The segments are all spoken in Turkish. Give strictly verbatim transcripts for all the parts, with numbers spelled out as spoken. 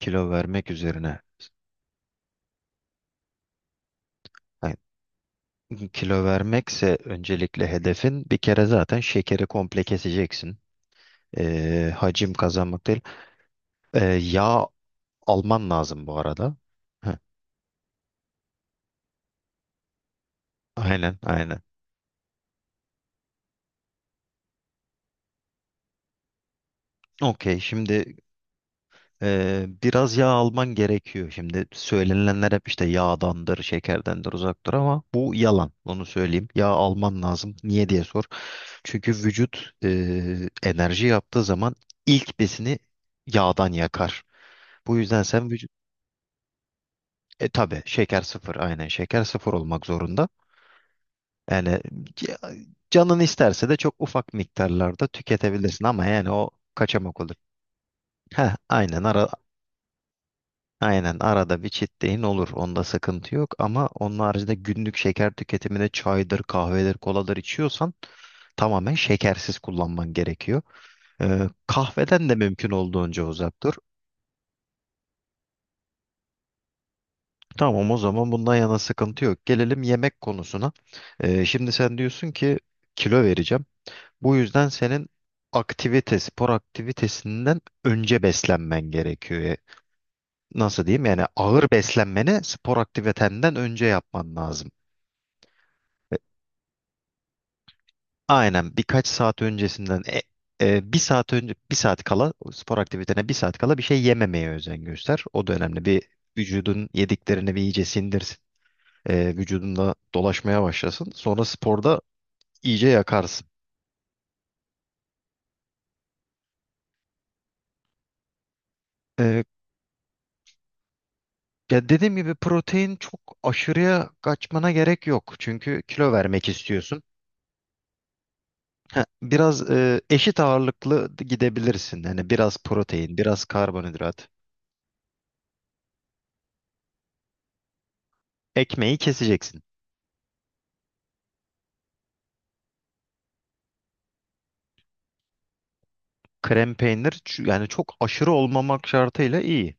Kilo vermek üzerine. Yani kilo vermekse öncelikle hedefin, bir kere zaten şekeri komple keseceksin. Ee, hacim kazanmak değil. Ee, yağ alman lazım bu arada. Heh, aynen aynen. Okey, şimdi e, biraz yağ alman gerekiyor. Şimdi söylenenler hep işte yağdandır, şekerdendir, uzaktır ama bu yalan. Onu söyleyeyim. Yağ alman lazım. Niye diye sor. Çünkü vücut e, enerji yaptığı zaman ilk besini yağdan yakar. Bu yüzden sen vücut... E tabii şeker sıfır, aynen, şeker sıfır olmak zorunda. Yani c- canın isterse de çok ufak miktarlarda tüketebilirsin, ama yani o kaçamak olur. Heh, aynen, ara aynen arada bir cheat day'in olur. Onda sıkıntı yok ama onun haricinde günlük şeker tüketimine, çaydır, kahvedir, koladır içiyorsan, tamamen şekersiz kullanman gerekiyor. Ee, kahveden de mümkün olduğunca uzak dur. Tamam, o zaman bundan yana sıkıntı yok. Gelelim yemek konusuna. Ee, şimdi sen diyorsun ki kilo vereceğim. Bu yüzden senin aktivite, spor aktivitesinden önce beslenmen gerekiyor. E, Nasıl diyeyim? Yani ağır beslenmeni spor aktivitenden önce yapman lazım. E, Aynen, birkaç saat öncesinden e, e, bir saat önce, bir saat kala spor aktivitene bir saat kala bir şey yememeye özen göster. O da önemli. Bir, vücudun yediklerini bir iyice sindirsin. E, vücudunda dolaşmaya başlasın. Sonra sporda iyice yakarsın. E, Ya dediğim gibi, protein çok aşırıya kaçmana gerek yok. Çünkü kilo vermek istiyorsun. Ha, biraz e, eşit ağırlıklı gidebilirsin. Yani biraz protein, biraz karbonhidrat. Ekmeği keseceksin. Krem peynir, ç- yani çok aşırı olmamak şartıyla iyi.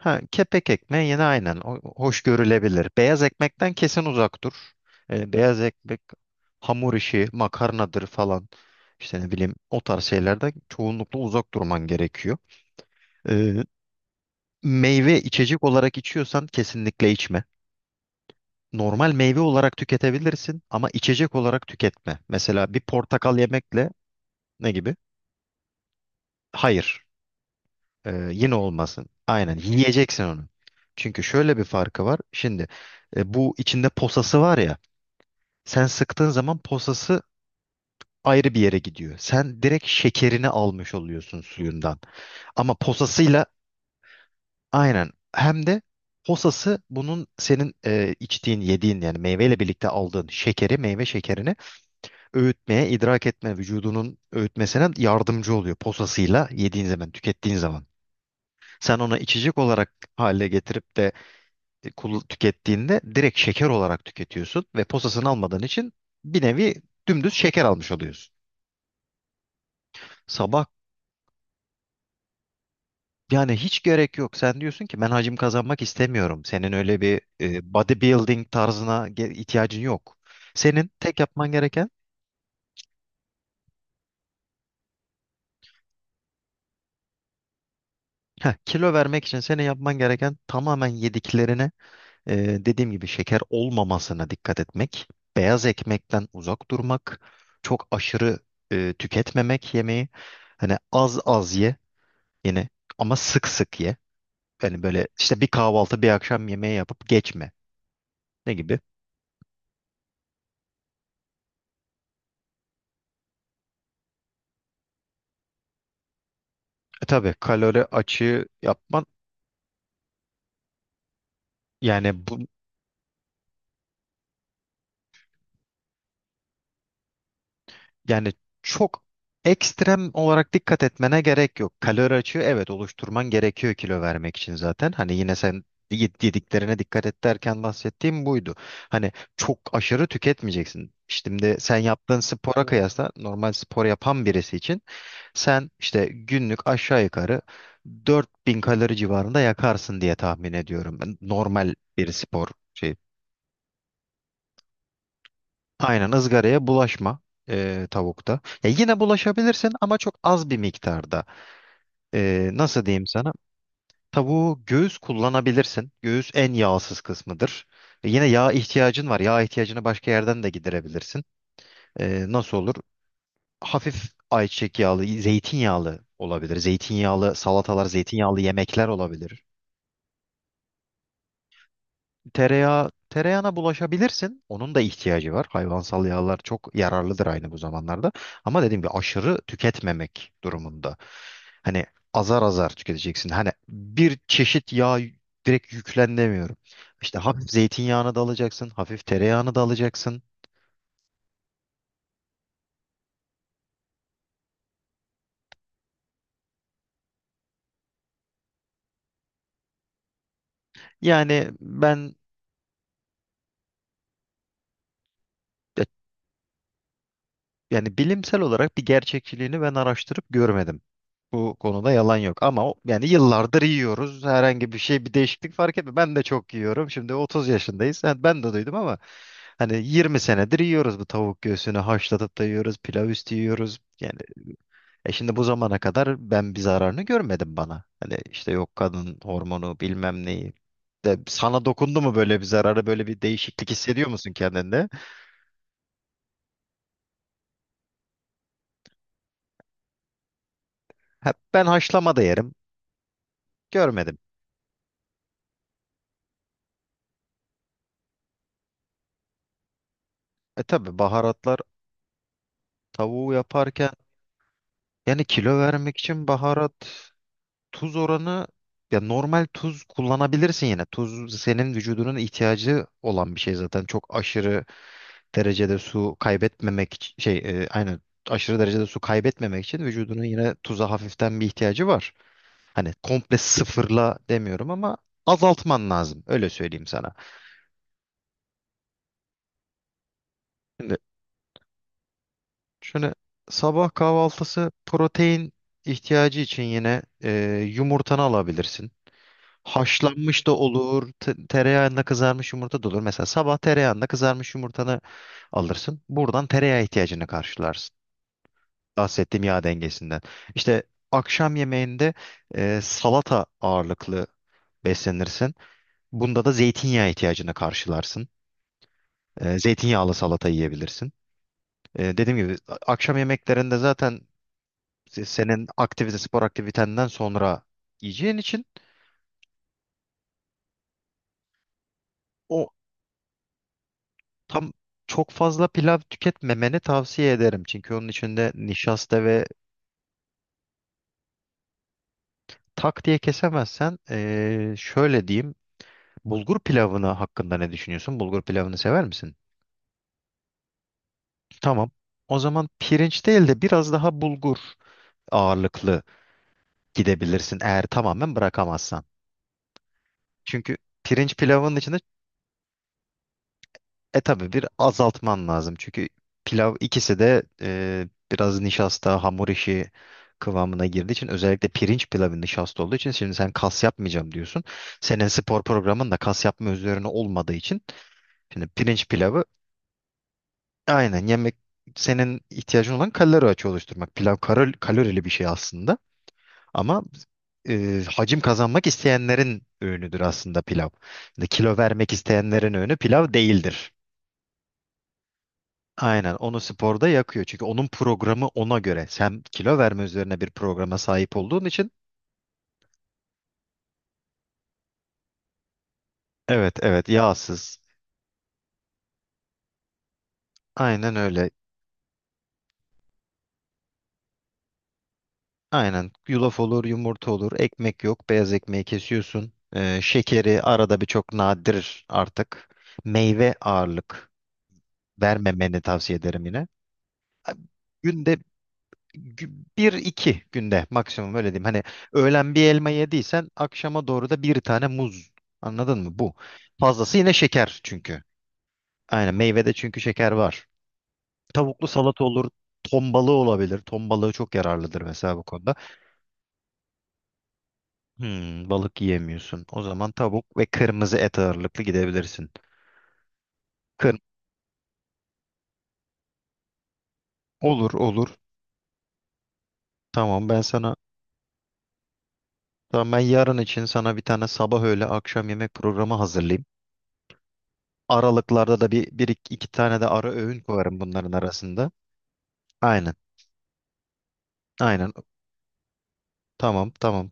Ha, kepek ekmeği yine aynen o- hoş görülebilir. Beyaz ekmekten kesin uzak dur. Ee, beyaz ekmek, hamur işi, makarnadır falan. İşte ne bileyim, o tarz şeylerden çoğunlukla uzak durman gerekiyor. Ee, Meyve içecek olarak içiyorsan kesinlikle içme. Normal meyve olarak tüketebilirsin, ama içecek olarak tüketme. Mesela bir portakal yemekle ne gibi? Hayır. Ee, yine olmasın. Aynen yiyeceksin onu. Çünkü şöyle bir farkı var. Şimdi e, bu içinde posası var ya. Sen sıktığın zaman posası ayrı bir yere gidiyor. Sen direkt şekerini almış oluyorsun suyundan. Ama posasıyla, aynen, hem de posası bunun, senin e, içtiğin, yediğin, yani meyveyle birlikte aldığın şekeri, meyve şekerini öğütmeye, idrak etme, vücudunun öğütmesine yardımcı oluyor posasıyla yediğin zaman, tükettiğin zaman. Sen ona içecek olarak hale getirip de e, kul- tükettiğinde direkt şeker olarak tüketiyorsun ve posasını almadığın için bir nevi dümdüz şeker almış oluyorsun. Sabah yani hiç gerek yok. Sen diyorsun ki ben hacim kazanmak istemiyorum. Senin öyle bir e, bodybuilding tarzına ge- ihtiyacın yok. Senin tek yapman gereken heh, Kilo vermek için senin yapman gereken, tamamen yediklerine e, dediğim gibi şeker olmamasına dikkat etmek. Beyaz ekmekten uzak durmak. Çok aşırı e, tüketmemek yemeği. Hani az az ye. Yine ama sık sık ye. Yani böyle işte bir kahvaltı, bir akşam yemeği yapıp geçme. Ne gibi? E tabii, kalori açığı yapman, yani bu, yani çok ekstrem olarak dikkat etmene gerek yok. Kalori açığı, evet, oluşturman gerekiyor kilo vermek için zaten. Hani yine sen yed- yediklerine dikkat et derken bahsettiğim buydu. Hani çok aşırı tüketmeyeceksin. İşte, şimdi sen yaptığın spora, anladım, kıyasla normal spor yapan birisi için, sen işte günlük aşağı yukarı dört bin kalori civarında yakarsın diye tahmin ediyorum. Ben normal bir spor şey. Aynen, ızgaraya bulaşma e, tavukta. Ya yine bulaşabilirsin ama çok az bir miktarda. E, nasıl diyeyim sana? Tavuğu göğüs kullanabilirsin. Göğüs en yağsız kısmıdır. E, yine yağ ihtiyacın var. Yağ ihtiyacını başka yerden de giderebilirsin. E, nasıl olur? Hafif ayçiçek yağlı, zeytinyağlı olabilir. Zeytinyağlı salatalar, zeytinyağlı yemekler olabilir. Tereyağı, tereyağına bulaşabilirsin. Onun da ihtiyacı var. Hayvansal yağlar çok yararlıdır aynı bu zamanlarda. Ama dediğim gibi aşırı tüketmemek durumunda. Hani azar azar tüketeceksin. Hani bir çeşit yağ direkt yüklenemiyorum. İşte hafif zeytinyağını da alacaksın, hafif tereyağını da alacaksın. Yani ben Yani bilimsel olarak bir gerçekçiliğini ben araştırıp görmedim. Bu konuda yalan yok ama o- yani yıllardır yiyoruz. Herhangi bir şey, bir değişiklik fark etmiyor. Ben de çok yiyorum. Şimdi otuz yaşındayız. Ha, ben de duydum ama hani yirmi senedir yiyoruz bu tavuk göğsünü, haşlatıp da yiyoruz, pilav üstü yiyoruz. Yani e şimdi bu zamana kadar ben bir zararını görmedim bana. Hani işte yok kadın hormonu bilmem neyi. De, sana dokundu mu böyle bir zararı, böyle bir değişiklik hissediyor musun kendinde? Ha, ben haşlama da yerim. Görmedim. E tabii, baharatlar, tavuğu yaparken, yani kilo vermek için baharat, tuz oranı, ya normal tuz kullanabilirsin yine. Tuz senin vücudunun ihtiyacı olan bir şey zaten. Çok aşırı derecede su kaybetmemek iç- şey e, aynen, aşırı derecede su kaybetmemek için vücudunun yine tuza hafiften bir ihtiyacı var. Hani komple sıfırla demiyorum ama azaltman lazım. Öyle söyleyeyim sana. Şimdi şöyle, sabah kahvaltısı protein ihtiyacı için yine e, yumurtanı alabilirsin. Haşlanmış da olur, te- tereyağında kızarmış yumurta da olur. Mesela sabah tereyağında kızarmış yumurtanı alırsın. Buradan tereyağı ihtiyacını karşılarsın. Bahsettiğim yağ dengesinden. İşte akşam yemeğinde e, salata ağırlıklı beslenirsin. Bunda da zeytinyağı ihtiyacını karşılarsın. E, zeytinyağlı salata yiyebilirsin. E, dediğim gibi a- akşam yemeklerinde zaten se- senin aktivite, spor aktivitenden sonra yiyeceğin için o, tam, çok fazla pilav tüketmemeni tavsiye ederim. Çünkü onun içinde nişasta ve tak diye kesemezsen, eee, şöyle diyeyim. Bulgur pilavına hakkında ne düşünüyorsun? Bulgur pilavını sever misin? Tamam. O zaman pirinç değil de biraz daha bulgur ağırlıklı gidebilirsin, eğer tamamen bırakamazsan. Çünkü pirinç pilavının içinde, e tabii bir azaltman lazım. Çünkü pilav, ikisi de e, biraz nişasta, hamur işi kıvamına girdiği için, özellikle pirinç pilavı nişasta olduğu için, şimdi sen kas yapmayacağım diyorsun. Senin spor programın da kas yapma üzerine olmadığı için, şimdi pirinç pilavı, aynen, yemek senin ihtiyacın olan kalori açığı oluşturmak. Pilav kalor- kalorili bir şey aslında. Ama e, hacim kazanmak isteyenlerin öğünüdür aslında pilav. Şimdi kilo vermek isteyenlerin öğünü pilav değildir. Aynen, onu sporda yakıyor. Çünkü onun programı ona göre. Sen kilo verme üzerine bir programa sahip olduğun için evet, evet yağsız. Aynen öyle. Aynen, yulaf olur, yumurta olur, ekmek yok, beyaz ekmeği kesiyorsun. Ee, şekeri arada bir, çok nadir artık. Meyve ağırlık vermemeni tavsiye ederim yine. Günde gü- Bir iki günde maksimum, öyle diyeyim. Hani öğlen bir elma yediysen, akşama doğru da bir tane muz. Anladın mı? Bu. Fazlası yine şeker çünkü. Aynen, meyvede çünkü şeker var. Tavuklu salata olur. Ton balığı olabilir. Ton balığı çok yararlıdır mesela bu konuda. Hmm, balık yiyemiyorsun. O zaman tavuk ve kırmızı et ağırlıklı gidebilirsin. Kır, olur olur. Tamam ben sana tamam, ben yarın için sana bir tane sabah öğle akşam yemek programı hazırlayayım. Aralıklarda da bir, bir iki, iki tane de ara öğün koyarım bunların arasında. Aynen. Aynen. Tamam, tamam.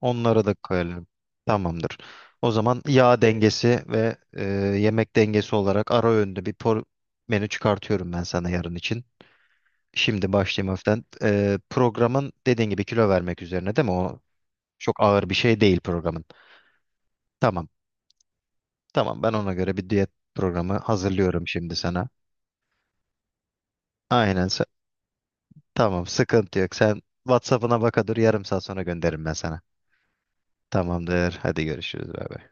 Onlara da koyalım. Tamamdır. O zaman yağ dengesi ve e, yemek dengesi olarak ara öğünde bir por- menü çıkartıyorum ben sana yarın için. Şimdi başlayayım hafiften. E, programın dediğin gibi kilo vermek üzerine, değil mi? O çok ağır bir şey değil, programın. Tamam. Tamam, ben ona göre bir diyet programı hazırlıyorum şimdi sana. Aynen. sen- Tamam, sıkıntı yok. Sen WhatsApp'ına baka dur, yarım saat sonra gönderirim ben sana. Tamamdır. Hadi görüşürüz. Bay bay.